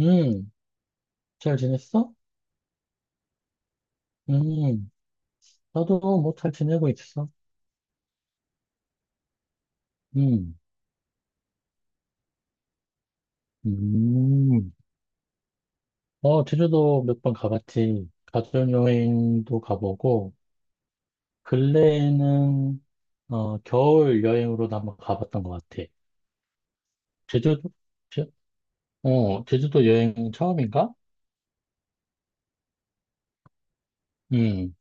음, 잘 지냈어? 음, 나도 뭐 잘 지내고 있어. 음, 음. 어, 제주도 몇 번 가봤지. 가족여행도 가보고, 근래에는, 겨울 여행으로도 한번 가봤던 것 같아. 제주도? 제, 제주도 여행 처음인가? 음,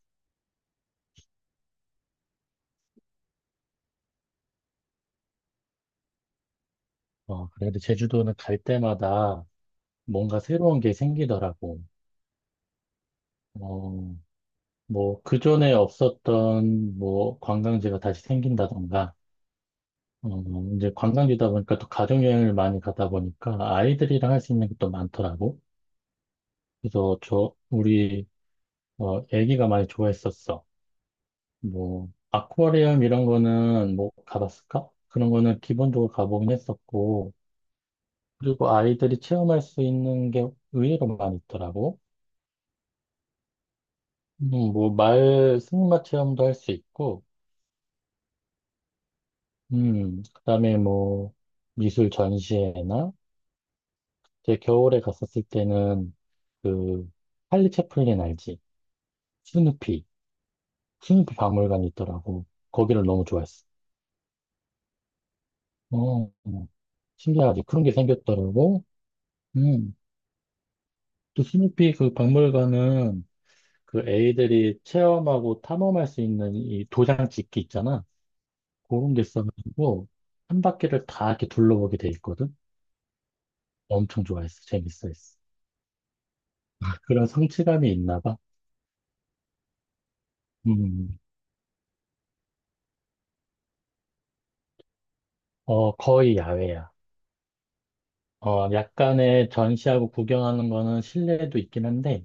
어, 그래도 제주도는 갈 때마다 뭔가 새로운 게 생기더라고. 어, 뭐, 그전에 없었던, 뭐, 관광지가 다시 생긴다던가, 어, 이제 관광지다 보니까 또 가족여행을 많이 가다 보니까 아이들이랑 할 수 있는 것도 많더라고. 그래서 애기가 많이 좋아했었어. 뭐, 아쿠아리움 이런 거는 뭐 가봤을까? 그런 거는 기본적으로 가보긴 했었고, 그리고 아이들이 체험할 수 있는 게 의외로 많이 있더라고. 뭐, 승마 체험도 할 수 있고, 그다음에 뭐, 미술 전시회나 제 겨울에 갔었을 때는 그 찰리 채플린 알지? 스누피, 스누피 박물관이 있더라고. 거기를 너무 좋아했어. 어, 어, 신기하지? 그런 게 생겼더라고. 음, 또 스누피 그 박물관은 그 애들이 체험하고 탐험할 수 있는 이 도장 찍기 있잖아. 그런 게 있어가지고 한 바퀴를 다 이렇게 둘러보게 돼 있거든. 엄청 좋아했어. 재밌어했어. 그런 성취감이 있나 봐. 음, 음. 어, 거의 야외야. 약간의 전시하고 구경하는 거는 실내도 있긴 한데,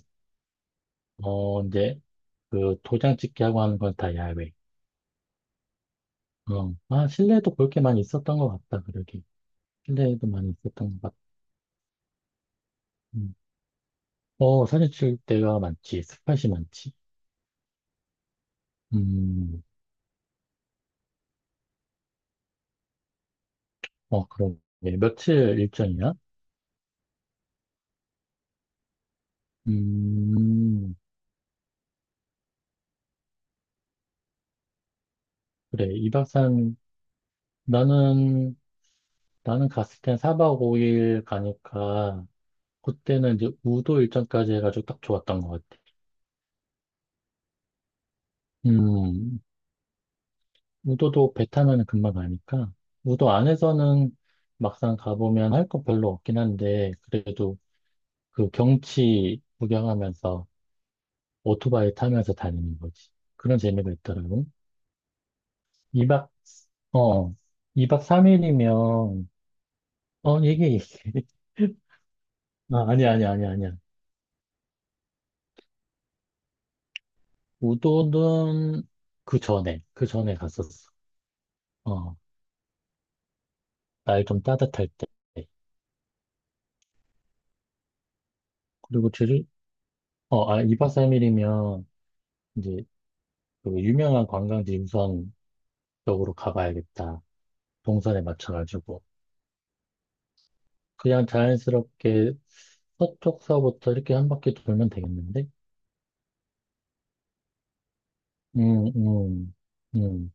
이제 그 도장 찍기하고 하는 건 다 야외. 실내도 볼 게 많이 있었던 것 같다, 그러게. 실내에도 많이 있었던 것 같다. 음. 어, 사진 찍을 때가 많지, 스팟이 많지. 음, 어, 그럼 네, 며칠 일정이야? 음, 그래, 나는, 나는 갔을 땐 4박 5일 가니까, 그때는 이제 우도 일정까지 해가지고 딱 좋았던 것 같아. 음, 우도도 배 타면은 금방 가니까 우도 안에서는 막상 가보면 할 거 별로 없긴 한데 그래도 그 경치 구경하면서 오토바이 타면서 다니는 거지. 그런 재미가 있더라고. 2박 어 이박 3일이면 어 이게 아니 아니 아니 아니야. 우도는 그 전에 갔었어. 어 날 좀 따뜻할 때. 그리고 제주 어아 2박 3일이면 이제 그 유명한 관광지 우선 쪽으로 가봐야겠다. 동선에 맞춰가지고. 그냥 자연스럽게 서쪽서부터 이렇게 한 바퀴 돌면 되겠는데? 음, 음, 음,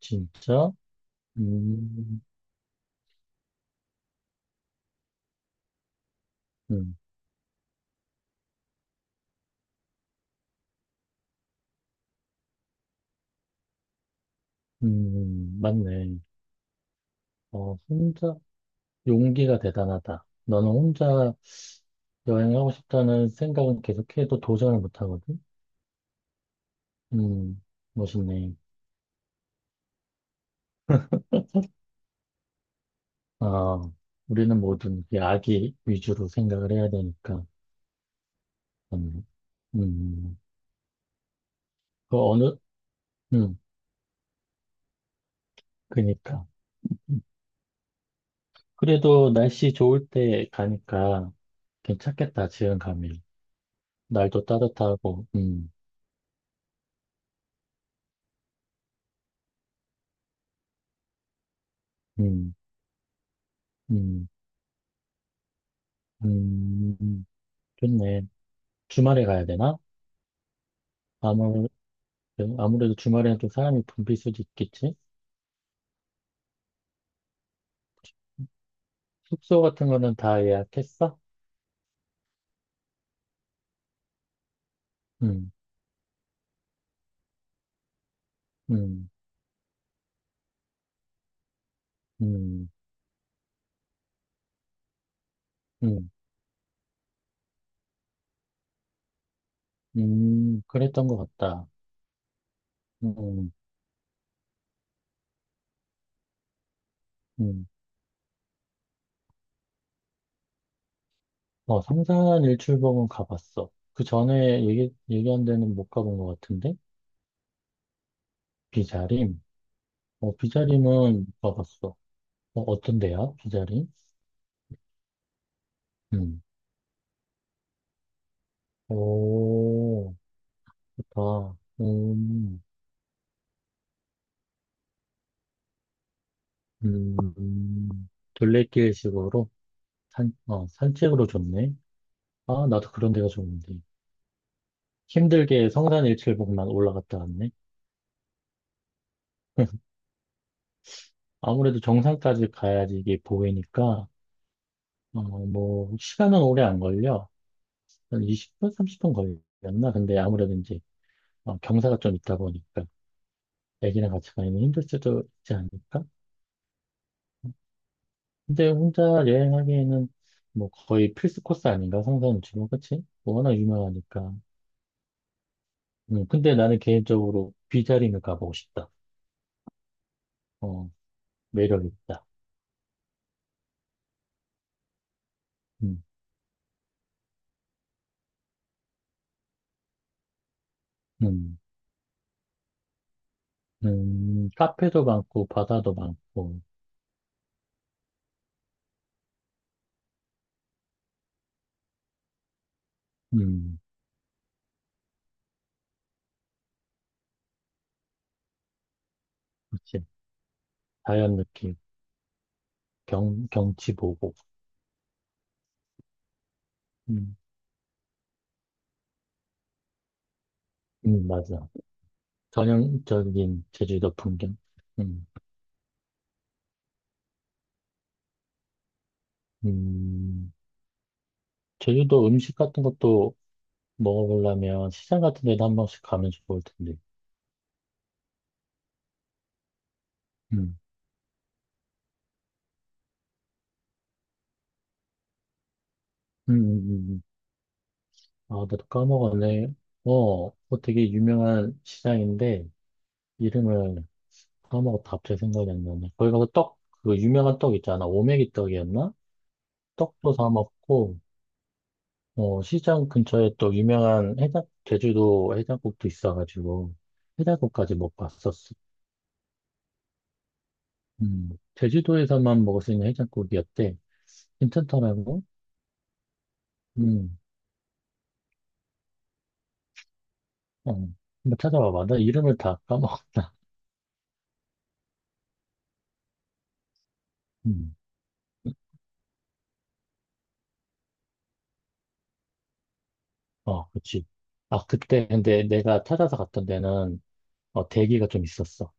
진짜? 음, 음, 맞네. 어, 혼자, 용기가 대단하다. 너는 혼자 여행하고 싶다는 생각은 계속해도 도전을 못하거든? 음, 멋있네. 아, 우리는 모든 이 아기 위주로 생각을 해야 되니까. 음, 음. 그 어느, 음, 그니까. 음, 그래도 날씨 좋을 때 가니까 괜찮겠다, 지금 가면. 날도 따뜻하고, 음, 음, 음, 좋네. 주말에 가야 되나? 아무, 아무래도 주말에는 좀 사람이 붐빌 수도 있겠지? 숙소 같은 거는 다 예약했어? 음, 음, 음, 음, 그랬던 것 같다. 음, 음. 어, 삼산 일출봉은 가봤어. 그 전에 얘기한 데는 못 가본 것 같은데? 비자림? 어, 비자림은 가봤어. 어, 어떤데요? 비자림? 음. 오, 좋다. 음, 둘레길식으로? 산책으로 좋네. 아, 나도 그런 데가 좋은데. 힘들게 성산일출봉만 올라갔다 왔네. 아무래도 정상까지 가야지 이게 보이니까, 어, 뭐, 시간은 오래 안 걸려. 한 20분, 30분 걸렸나? 근데 아무래도 이제, 경사가 좀 있다 보니까, 애기랑 같이 가면 힘들 수도 있지 않을까? 근데 혼자 여행하기에는 뭐 거의 필수 코스 아닌가? 성산 유치원, 그치? 워낙 유명하니까. 근데 나는 개인적으로 비자림을 가보고 싶다. 어, 매력 있다. 음, 음, 카페도 많고, 바다도 많고, 음, 그치. 자연 느낌, 경치 보고, 음, 맞아. 전형적인 제주도 풍경. 음, 음, 제주도 음식 같은 것도 먹어보려면 시장 같은 데도 한 번씩 가면 좋을 텐데. 음, 음, 음, 음. 아, 나도 까먹었네. 뭐 되게 유명한 시장인데, 이름을 까먹었다. 갑자기 생각이 안 나네. 거기 가서 떡, 그 유명한 떡 있잖아. 오메기 떡이었나? 떡도 사 먹고, 시장 근처에 또 유명한 제주도 해장국도 있어가지고, 해장국까지 먹봤었어. 음, 제주도에서만 먹을 수 있는 해장국이었대. 괜찮더라고? 음, 어, 한번 찾아봐봐. 나 이름을 다 까먹었다. 음. 어, 그치. 아, 그때 근데 내가 찾아서 갔던 데는 대기가 좀 있었어.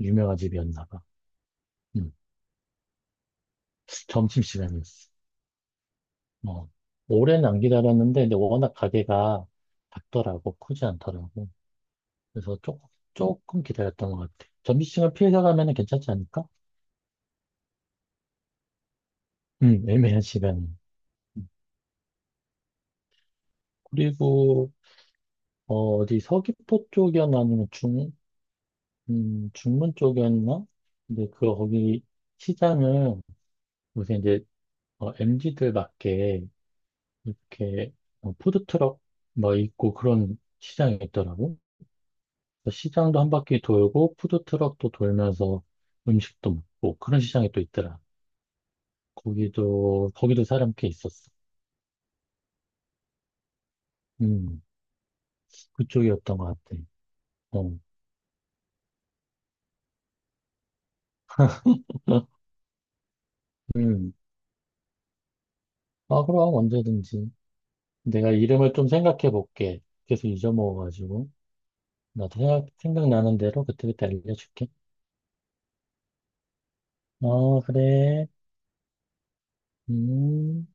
유명한 집이었나 봐. 음, 점심시간이었어. 어, 오래는 안 기다렸는데 근데 워낙 가게가 작더라고. 크지 않더라고. 그래서 조금 기다렸던 것 같아. 점심시간 피해서 가면 괜찮지 않을까? 애매한 시간이. 음, 그리고 어, 디 서귀포 쪽이었나 아니면 중문 쪽이었나? 근데 그 거기 시장은 요새 이제 MZ들밖에 이렇게 푸드트럭 뭐 있고 그런 시장이 있더라고. 그래서 시장도 한 바퀴 돌고 푸드트럭도 돌면서 음식도 먹고 그런 시장이 또 있더라. 거기도 사람 꽤 있었어. 음, 그쪽이었던 것 같아. 어, 음, 그럼 언제든지 내가 이름을 좀 생각해 볼게. 계속 잊어먹어가지고 나도 생각나는 대로 그때그때 알려줄게. 어, 그래. 음.